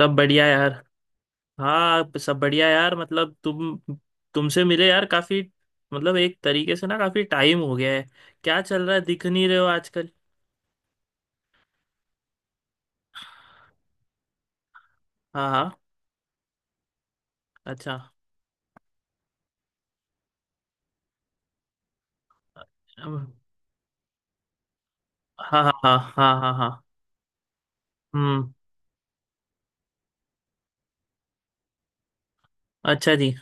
सब बढ़िया यार। हाँ, सब बढ़िया यार, मतलब तुमसे मिले यार काफी। मतलब एक तरीके से ना काफी टाइम हो गया है। क्या चल रहा है? दिख नहीं रहे हो आजकल। हाँ हाँ। अच्छा। अम, हाँ हाँ हाँ हाँ हाँ हाँ। हम्म। अच्छा जी।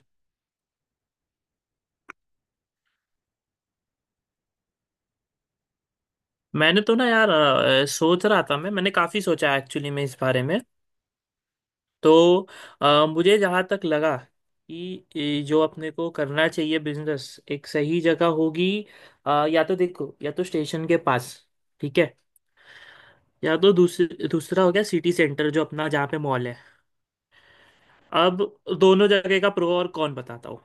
मैंने तो ना यार सोच रहा था। मैंने काफी सोचा एक्चुअली में इस बारे में। तो मुझे जहाँ तक लगा कि ये जो अपने को करना चाहिए बिजनेस, एक सही जगह होगी। या तो देखो, या तो स्टेशन के पास। ठीक है। या तो दूसरा हो गया सिटी सेंटर, जो अपना जहाँ पे मॉल है। अब दोनों जगह का प्रो और कॉन बताता हूँ।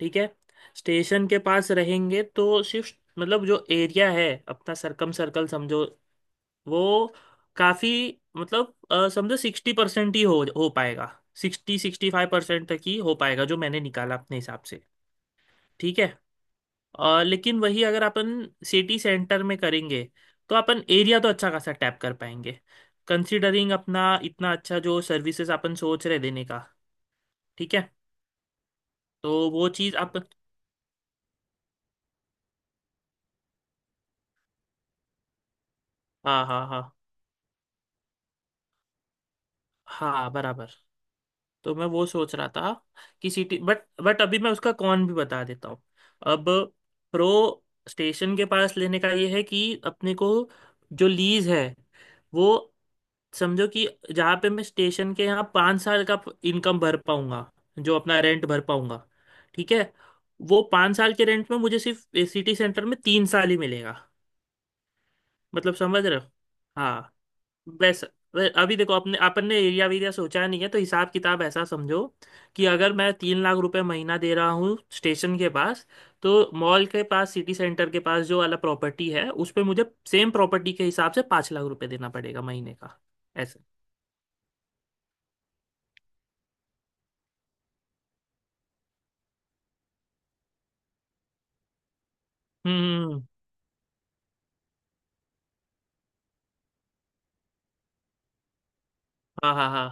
ठीक है। स्टेशन के पास रहेंगे तो सिर्फ मतलब जो एरिया है अपना, सरकम सर्कल समझो, वो काफ़ी मतलब समझो 60% ही हो पाएगा। 60-65% तक ही हो पाएगा, जो मैंने निकाला अपने हिसाब से। ठीक है। लेकिन वही अगर अपन सिटी सेंटर में करेंगे तो अपन एरिया तो अच्छा खासा टैप कर पाएंगे, कंसीडरिंग अपना इतना अच्छा जो सर्विसेज अपन सोच रहे देने का। ठीक है। तो वो चीज़ आप। हाँ हाँ हाँ। हाँ, बराबर। तो मैं वो सोच रहा था कि सिटी बट अभी मैं उसका कौन भी बता देता हूँ। अब प्रो स्टेशन के पास लेने का ये है कि अपने को, जो लीज है वो, समझो कि जहाँ पे मैं स्टेशन के यहाँ 5 साल का इनकम भर पाऊंगा, जो अपना रेंट भर पाऊंगा। ठीक है। वो 5 साल के रेंट में मुझे सिर्फ सिटी सेंटर में 3 साल ही मिलेगा। मतलब समझ रहे हो? हाँ। वैसा अभी देखो अपन ने एरिया वेरिया सोचा नहीं है, तो हिसाब किताब ऐसा समझो कि अगर मैं 3 लाख रुपए महीना दे रहा हूँ स्टेशन के पास, तो मॉल के पास, सिटी सेंटर के पास जो वाला प्रॉपर्टी है उस पे मुझे सेम प्रॉपर्टी के हिसाब से 5 लाख रुपए देना पड़ेगा महीने का ऐसे। हम्म। हाँ हाँ हाँ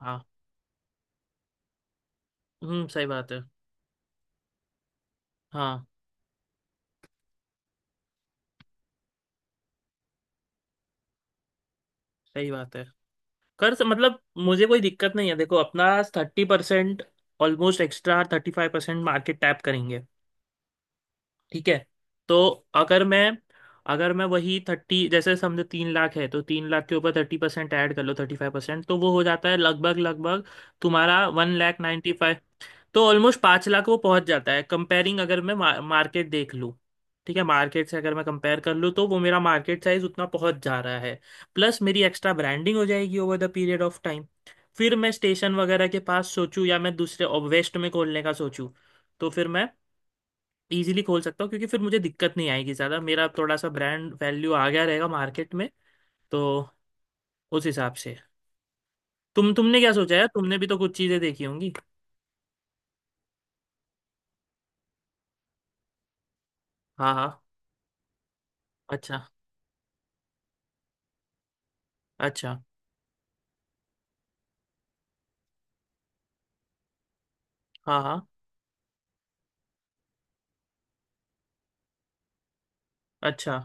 हाँ। हम्म, सही बात है। हाँ, सही बात है। मतलब मुझे कोई दिक्कत नहीं है। देखो अपना 30%, ऑलमोस्ट एक्स्ट्रा 35% मार्केट टैप करेंगे। ठीक है। तो अगर मैं अगर मैं वही थर्टी, जैसे समझो 3 लाख है तो 3 लाख के ऊपर 30% ऐड कर लो, 35%, तो वो हो जाता है लगभग लगभग तुम्हारा वन, तो ऑलमोस्ट 5 लाख वो पहुंच जाता है कंपेयरिंग, अगर मैं मार्केट देख लूँ। ठीक है, मार्केट से अगर मैं कंपेयर कर लूँ तो वो मेरा मार्केट साइज उतना पहुंच जा रहा है। प्लस मेरी एक्स्ट्रा ब्रांडिंग हो जाएगी over the period of time. फिर मैं स्टेशन वगैरह के पास सोचूं या मैं दूसरे वेस्ट में खोलने का सोचूं, तो फिर मैं इजीली खोल सकता हूँ क्योंकि फिर मुझे दिक्कत नहीं आएगी ज़्यादा। मेरा थोड़ा सा ब्रांड वैल्यू आ गया रहेगा मार्केट में, तो उस हिसाब से। तुमने क्या सोचा है? तुमने भी तो कुछ चीज़ें देखी होंगी। हाँ हाँ। अच्छा। अच्छा। हाँ हाँ। अच्छा।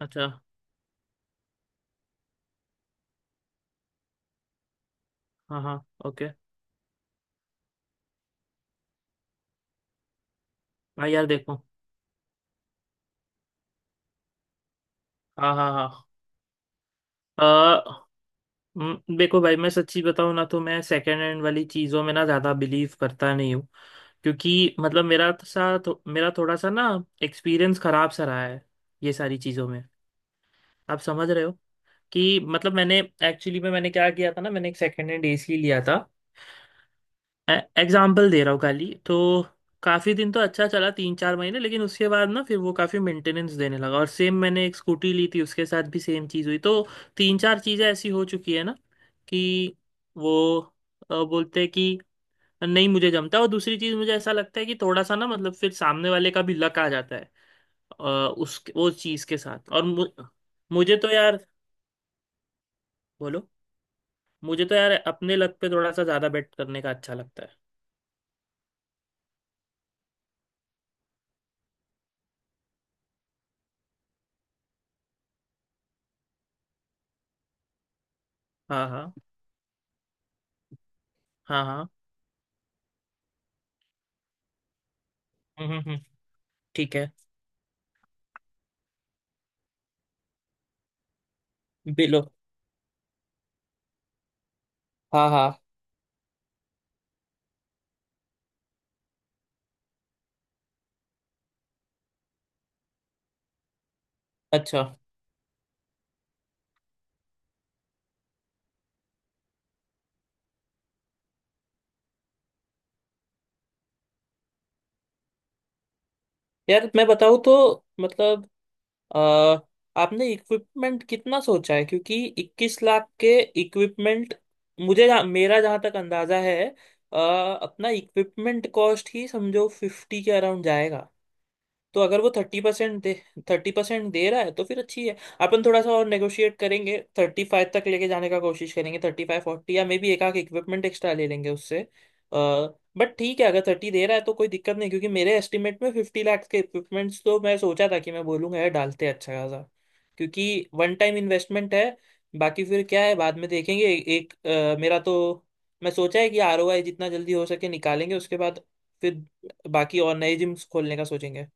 अच्छा। हाँ हाँ। ओके। हाँ यार देखो। हाँ हाँ हाँ। अ, देखो भाई, मैं सच्ची बताऊँ ना, तो मैं सेकेंड हैंड वाली चीज़ों में ना ज़्यादा बिलीव करता नहीं हूँ। क्योंकि मतलब मेरा थोड़ा सा ना एक्सपीरियंस खराब सा रहा है ये सारी चीज़ों में। आप समझ रहे हो कि मतलब मैंने, एक्चुअली में मैंने क्या किया था ना, मैंने एक सेकेंड हैंड एसी लिया था, एग्जाम्पल दे रहा हूँ खाली, तो काफ़ी दिन तो अच्छा चला, 3-4 महीने, लेकिन उसके बाद ना फिर वो काफ़ी मेंटेनेंस देने लगा। और सेम मैंने एक स्कूटी ली थी, उसके साथ भी सेम चीज़ हुई। तो तीन चार चीज़ें ऐसी हो चुकी है ना, कि वो बोलते हैं कि नहीं मुझे जमता। और दूसरी चीज़ मुझे ऐसा लगता है कि थोड़ा सा ना मतलब फिर सामने वाले का भी लक आ जाता है अ, उस वो चीज़ के साथ, और मुझे तो यार। बोलो। मुझे तो यार अपने लक पे थोड़ा सा ज़्यादा बेट करने का अच्छा लगता है। हाँ हाँ हाँ हाँ। हम्म हम्म हम्म, ठीक है। बिलो। हाँ हाँ। अच्छा। यार मैं बताऊँ तो मतलब अ, आपने इक्विपमेंट कितना सोचा है? क्योंकि 21 लाख के इक्विपमेंट, मेरा जहाँ तक अंदाजा है, अपना इक्विपमेंट कॉस्ट ही समझो 50 के अराउंड जाएगा। तो अगर वो 30% दे रहा है तो फिर अच्छी है। अपन थोड़ा सा और नेगोशिएट करेंगे, 35 तक लेके जाने का कोशिश करेंगे, 35-40, या मे बी एक आख इक्विपमेंट एक्स्ट्रा ले लेंगे उससे। बट ठीक है, अगर 30 दे रहा है तो कोई दिक्कत नहीं, क्योंकि मेरे एस्टिमेट में 50 लाख के इक्विपमेंट्स तो मैं सोचा था कि मैं बोलूंगा यार डालते हैं अच्छा खासा, क्योंकि वन टाइम इन्वेस्टमेंट है। बाकी फिर क्या है बाद में देखेंगे। एक मेरा तो मैं सोचा है कि आरओआई जितना जल्दी हो सके निकालेंगे, उसके बाद फिर बाकी और नए जिम्स खोलने का सोचेंगे।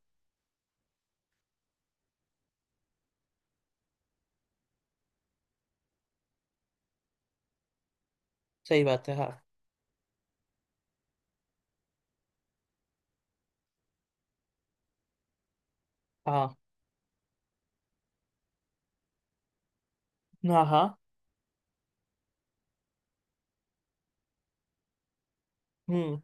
सही बात है। हाँ हाँ हाँ हाँ। हम्म।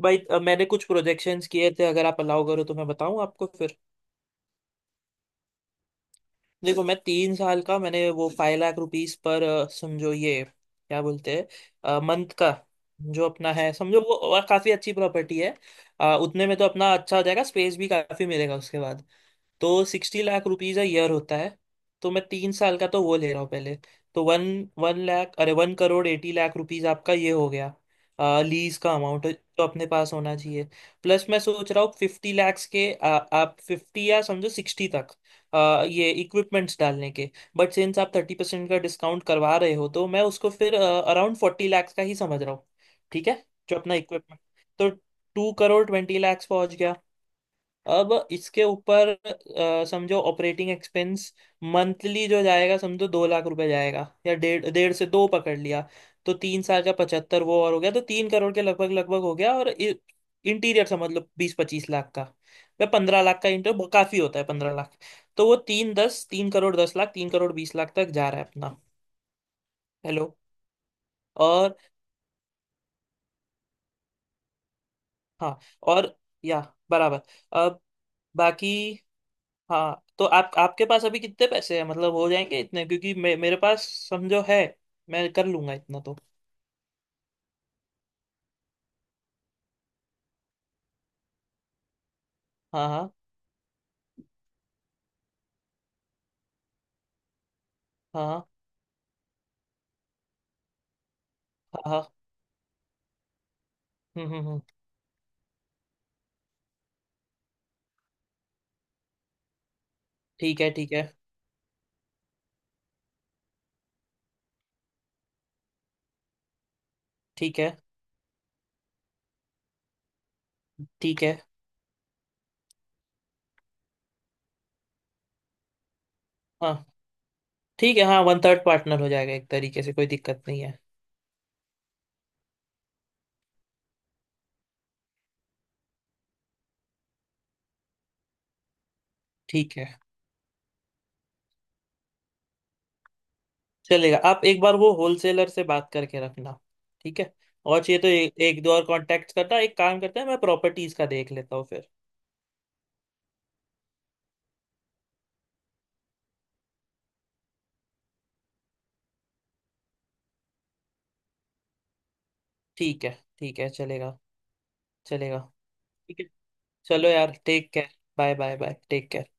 भाई मैंने कुछ प्रोजेक्शंस किए थे, अगर आप अलाउ करो तो मैं बताऊं आपको फिर। देखो मैं 3 साल का मैंने वो 5 लाख रुपीस पर समझो ये क्या बोलते हैं मंथ का, जो अपना है समझो वो और काफी अच्छी प्रॉपर्टी है। उतने में तो अपना अच्छा हो जाएगा, स्पेस भी काफी मिलेगा। उसके बाद तो 60 लाख रुपीज अ ईयर होता है। तो मैं 3 साल का तो वो ले रहा हूँ पहले, तो वन वन लाख अरे 1 करोड़ 80 लाख रुपीज आपका ये हो गया, लीज का अमाउंट जो अपने पास होना चाहिए। प्लस मैं सोच रहा हूँ 50 लैक्स के आप 50 या समझो 60 तक ये इक्विपमेंट्स डालने के, बट सिंस आप 30% का डिस्काउंट करवा रहे हो तो मैं उसको फिर अराउंड 40 लैक्स का ही समझ रहा हूँ। ठीक है, जो अपना इक्विपमेंट। तो 2 करोड़ 20 लैक्स पहुंच गया। अब इसके ऊपर समझो ऑपरेटिंग एक्सपेंस मंथली जो जाएगा समझो 2 लाख रुपए जाएगा, या डेढ़ डेढ़ से दो पकड़ लिया, तो 3 साल का 75 वो और हो गया। तो 3 करोड़ के लगभग लगभग हो गया। और इंटीरियर समझ लो 20-25 लाख का। वह 15 लाख का इंटीरियर बहुत काफी होता है, 15 लाख। तो वो तीन दस 3 करोड़ 10 लाख 3 करोड़ 20 लाख तक जा रहा है अपना। हेलो। और। हाँ और। या। बराबर। अब। बाकी। हाँ तो आप, आपके पास अभी कितने पैसे हैं? मतलब हो जाएंगे इतने, क्योंकि मेरे पास समझो है, मैं कर लूंगा इतना तो। हाँ हाँ हाँ हाँ हाँ हाँ। हम्म हम्म हम्म, ठीक है। ठीक है। ठीक है। ठीक है। हाँ। ठीक है, हाँ 1/3 पार्टनर हो जाएगा एक तरीके से, कोई दिक्कत नहीं है। ठीक है, चलेगा। आप एक बार वो होलसेलर से बात करके रखना। ठीक है। और चाहिए तो एक दो और कांटेक्ट करना। एक काम करते हैं, मैं प्रॉपर्टीज का देख लेता हूँ फिर। ठीक है। ठीक है चलेगा। चलेगा। ठीक है। चलो यार, take care. Bye bye bye, take care.